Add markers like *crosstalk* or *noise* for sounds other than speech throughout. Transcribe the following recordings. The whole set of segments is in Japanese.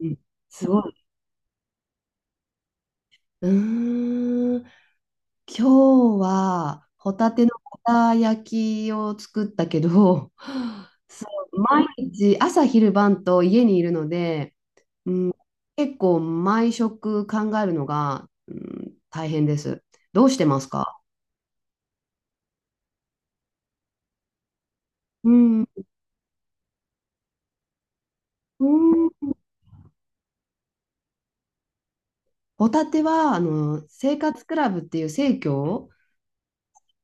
うんすごい。うーん、今日はホタテのホタ焼きを作ったけど、*laughs* そ毎日朝昼晩と家にいるので、うん、結構毎食考えるのが、大変です。どうしてますか？うん、うんホタテは生活クラブっていう生協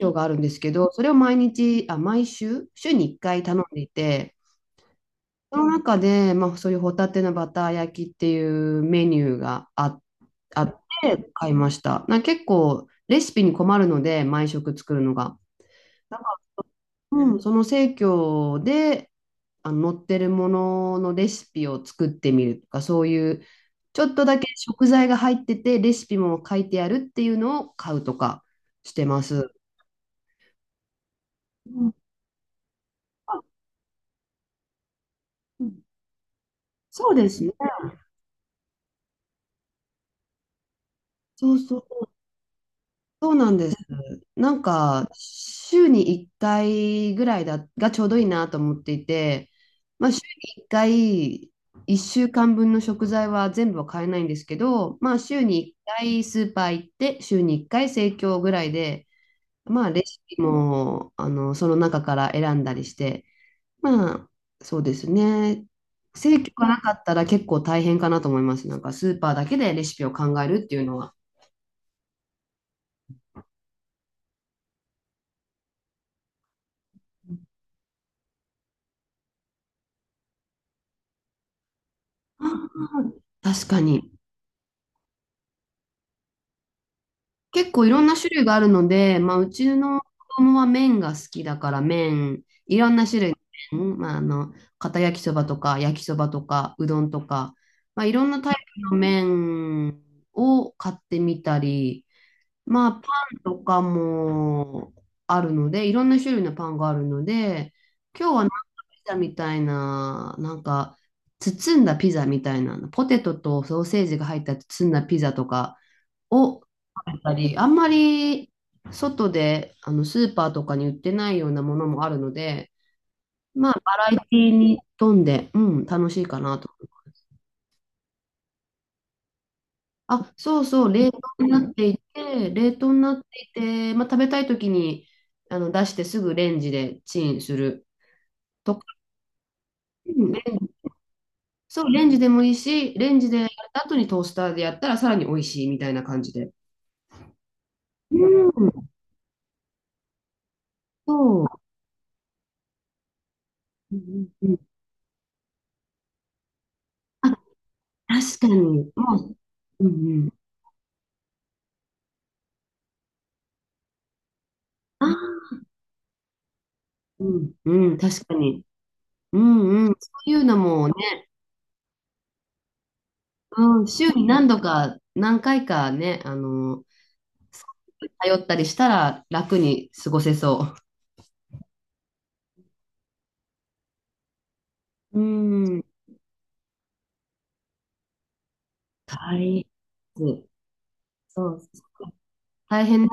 があるんですけど、それを毎日、毎週、週に1回頼んでいて、その中で、まあ、そういうホタテのバター焼きっていうメニューがあって買いました。なんか結構レシピに困るので、毎食作るのが。だから、その生協で載ってるもののレシピを作ってみるとか、そういうちょっとだけ食材が入ってて、レシピも書いてあるっていうのを買うとかしてます。うんあうんそうですね。そうそう、そうなんです。なんか、週に1回ぐらいがちょうどいいなと思っていて、まあ、週に1回、1週間分の食材は全部は買えないんですけど、まあ、週に1回スーパー行って、週に1回生協ぐらいで、まあ、レシピも、その中から選んだりして、まあ、そうですね。生協がなかったら結構大変かなと思います。なんか、スーパーだけでレシピを考えるっていうのは。あ確かに。結構いろんな種類があるので、まあ、うちの子供は麺が好きだから麺、いろんな種類の麺、まあ、片焼きそばとか焼きそばとかうどんとか、まあ、いろんなタイプの麺を買ってみたり、まあ、パンとかもあるので、いろんな種類のパンがあるので、今日はなんかピザみたいな、なんか包んだピザみたいな、ポテトとソーセージが入った包んだピザとか、を食べたり、あんまり外でスーパーとかに売ってないようなものもあるので、まあ、バラエティに富んで、楽しいかなと。そうそう、冷凍になっていて、まあ、食べたいときに出してすぐレンジでチンするとか、うんレンジそう、レンジでもいいし、レンジでやった後にトースターでやったらさらに美味しいみたいな感じで。うん、そう。うんうんうんあ、確かに。もう、うんうん。あうん、うん、確かに。うん、そういうのもね、うん、週に何度か、何回かね、あの、頼ったりしたら楽に過ごせそう。うん、大変。そう、大変だ。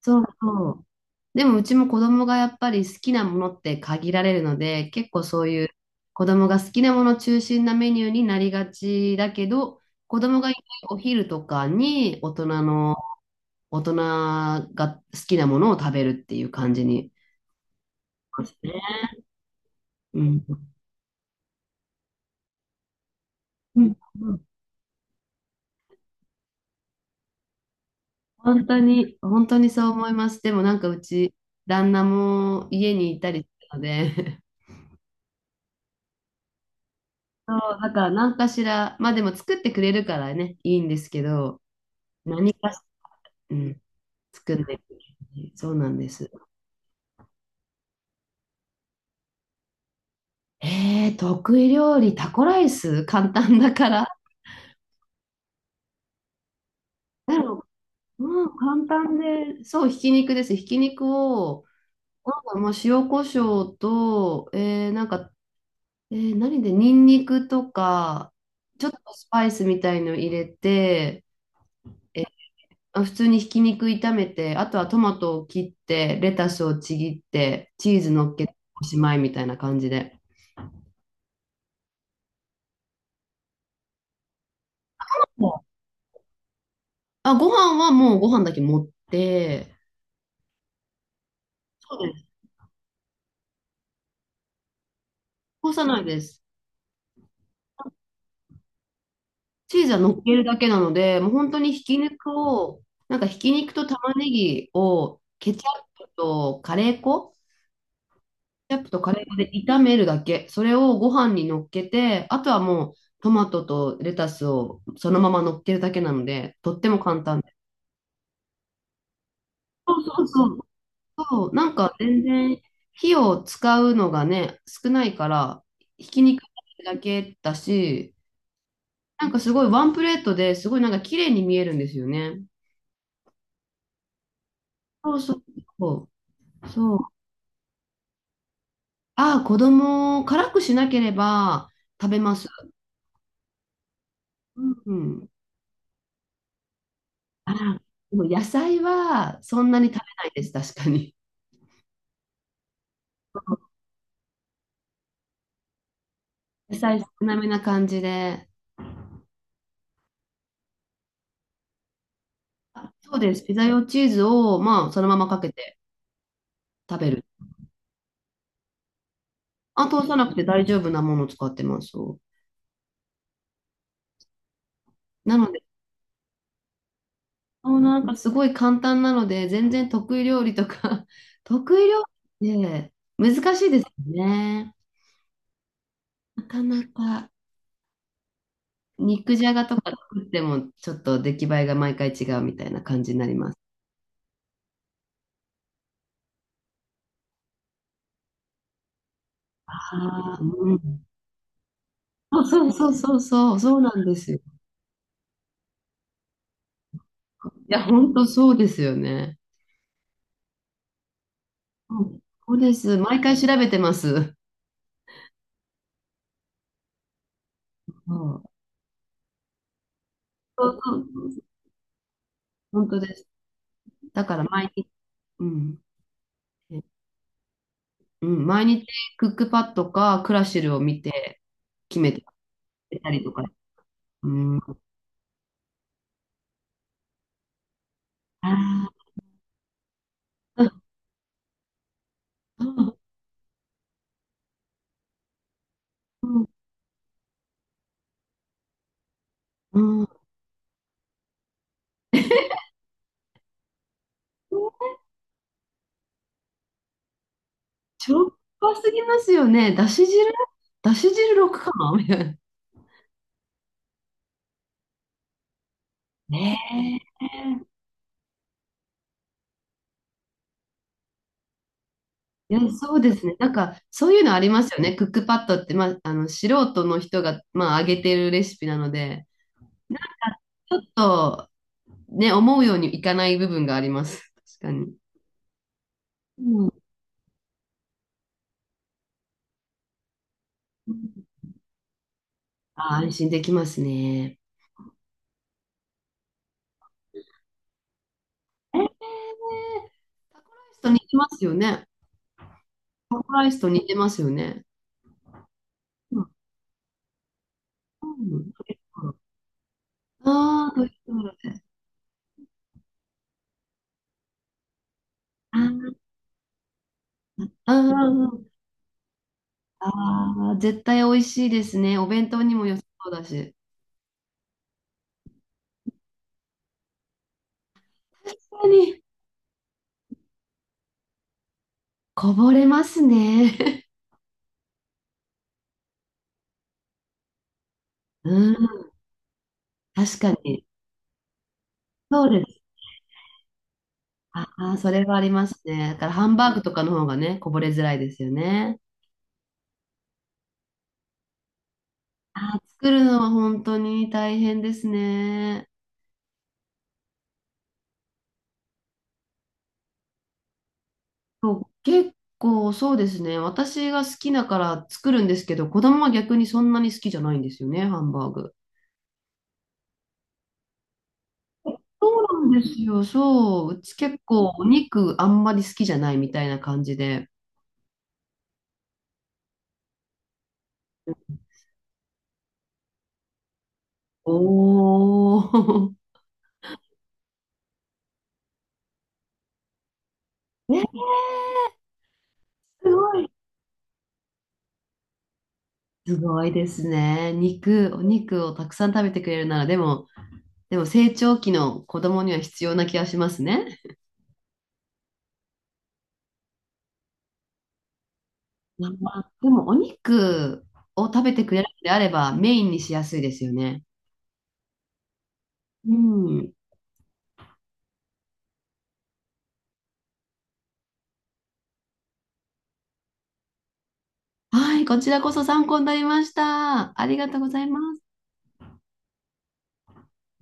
そうそう。でもうちも子供がやっぱり好きなものって限られるので、結構そういう子供が好きなもの中心なメニューになりがちだけど、子供がいないお昼とかに大人が好きなものを食べるっていう感じに。ますね。うん。うん本当に、本当にそう思います。でもなんかうち、旦那も家にいたりするので、*laughs* そう、だから何かしら、まあでも作ってくれるからね、いいんですけど、何かし、うん、作んないといけない。そうなんです。得意料理、タコライス、簡単だから。だろううん、簡単で、そう、ひき肉です。ひき肉を、まあ、塩コショウと、ニンニクとか、ちょっとスパイスみたいの入れて、えーまあ普通にひき肉炒めて、あとはトマトを切って、レタスをちぎって、チーズ乗っけておしまいみたいな感じで。もうあ、ご飯はもうご飯だけ持って、そうです。こさないです。チーズは乗っけるだけなので、もう本当にひき肉を、なんかひき肉と玉ねぎをップとカレー粉ケチャップとカレー粉で炒めるだけ。それをご飯に乗っけて、あとはもうトマトとレタスをそのまま乗っけるだけなので、とっても簡単です。そうそうそう。そう、なんか全然火を使うのがね、少ないから、ひき肉だけだし、なんかすごいワンプレートですごいなんか綺麗に見えるんですよね。そうそうそそう。ああ、子供を辛くしなければ食べます。うん。あら、でも野菜はそんなに食べないです、確かに。*laughs* 野菜少なめな感じで。あ、そうです。ピザ用チーズを、まあ、そのままかけて食べる。あ、通さなくて大丈夫なものを使ってます。そうなので、そう、なんかすごい簡単なので、全然得意料理とか *laughs* 得意料理って難しいですよね。なかなか肉じゃがとか作っても、ちょっと出来栄えが毎回違うみたいな感じになります。ああ、うん。そうなんですよ。いや、本当そうですよね。うん。そうです。毎回調べてます。そう。そうそうそう本当です。だから毎日、うん。えうん、毎日クックパッドかクラシルを見て決めてたりとか。うん。あーうんうんうん。しょっぱすぎますよね。だし汁6かなみたいな。ねえ。いや、そうですね。なんか、そういうのありますよね。クックパッドって、まあ、あの、素人の人が、まあ、上げてるレシピなので、ちょっと、ね、思うようにいかない部分があります。確かに。うんあ、安心できますね。えー、タコライスと似てますよね。タコライスと似てますよね。うん。ああー、ということで。あーあー、あー絶対美味しいですね。お弁当にも良さそうだし。確かに。こぼれますね。*laughs* うん、確かに。そうです。ああ、それはありますね。だからハンバーグとかの方がね、こぼれづらいですよね。あー、作るのは本当に大変ですね。そう、結構そうですね。私が好きだから作るんですけど、子供は逆にそんなに好きじゃないんですよね、ハンバーグ。そうなんですよ。そう。うち結構お肉あんまり好きじゃないみたいな感じで。おー。*laughs* え、すごい。すごいですね。肉、お肉をたくさん食べてくれるなら、でも成長期の子供には必要な気がしますね。まあでも、お肉を食べてくれるのであれば、メインにしやすいですよね。うん。はい、こちらこそ参考になりました。ありがとうございます。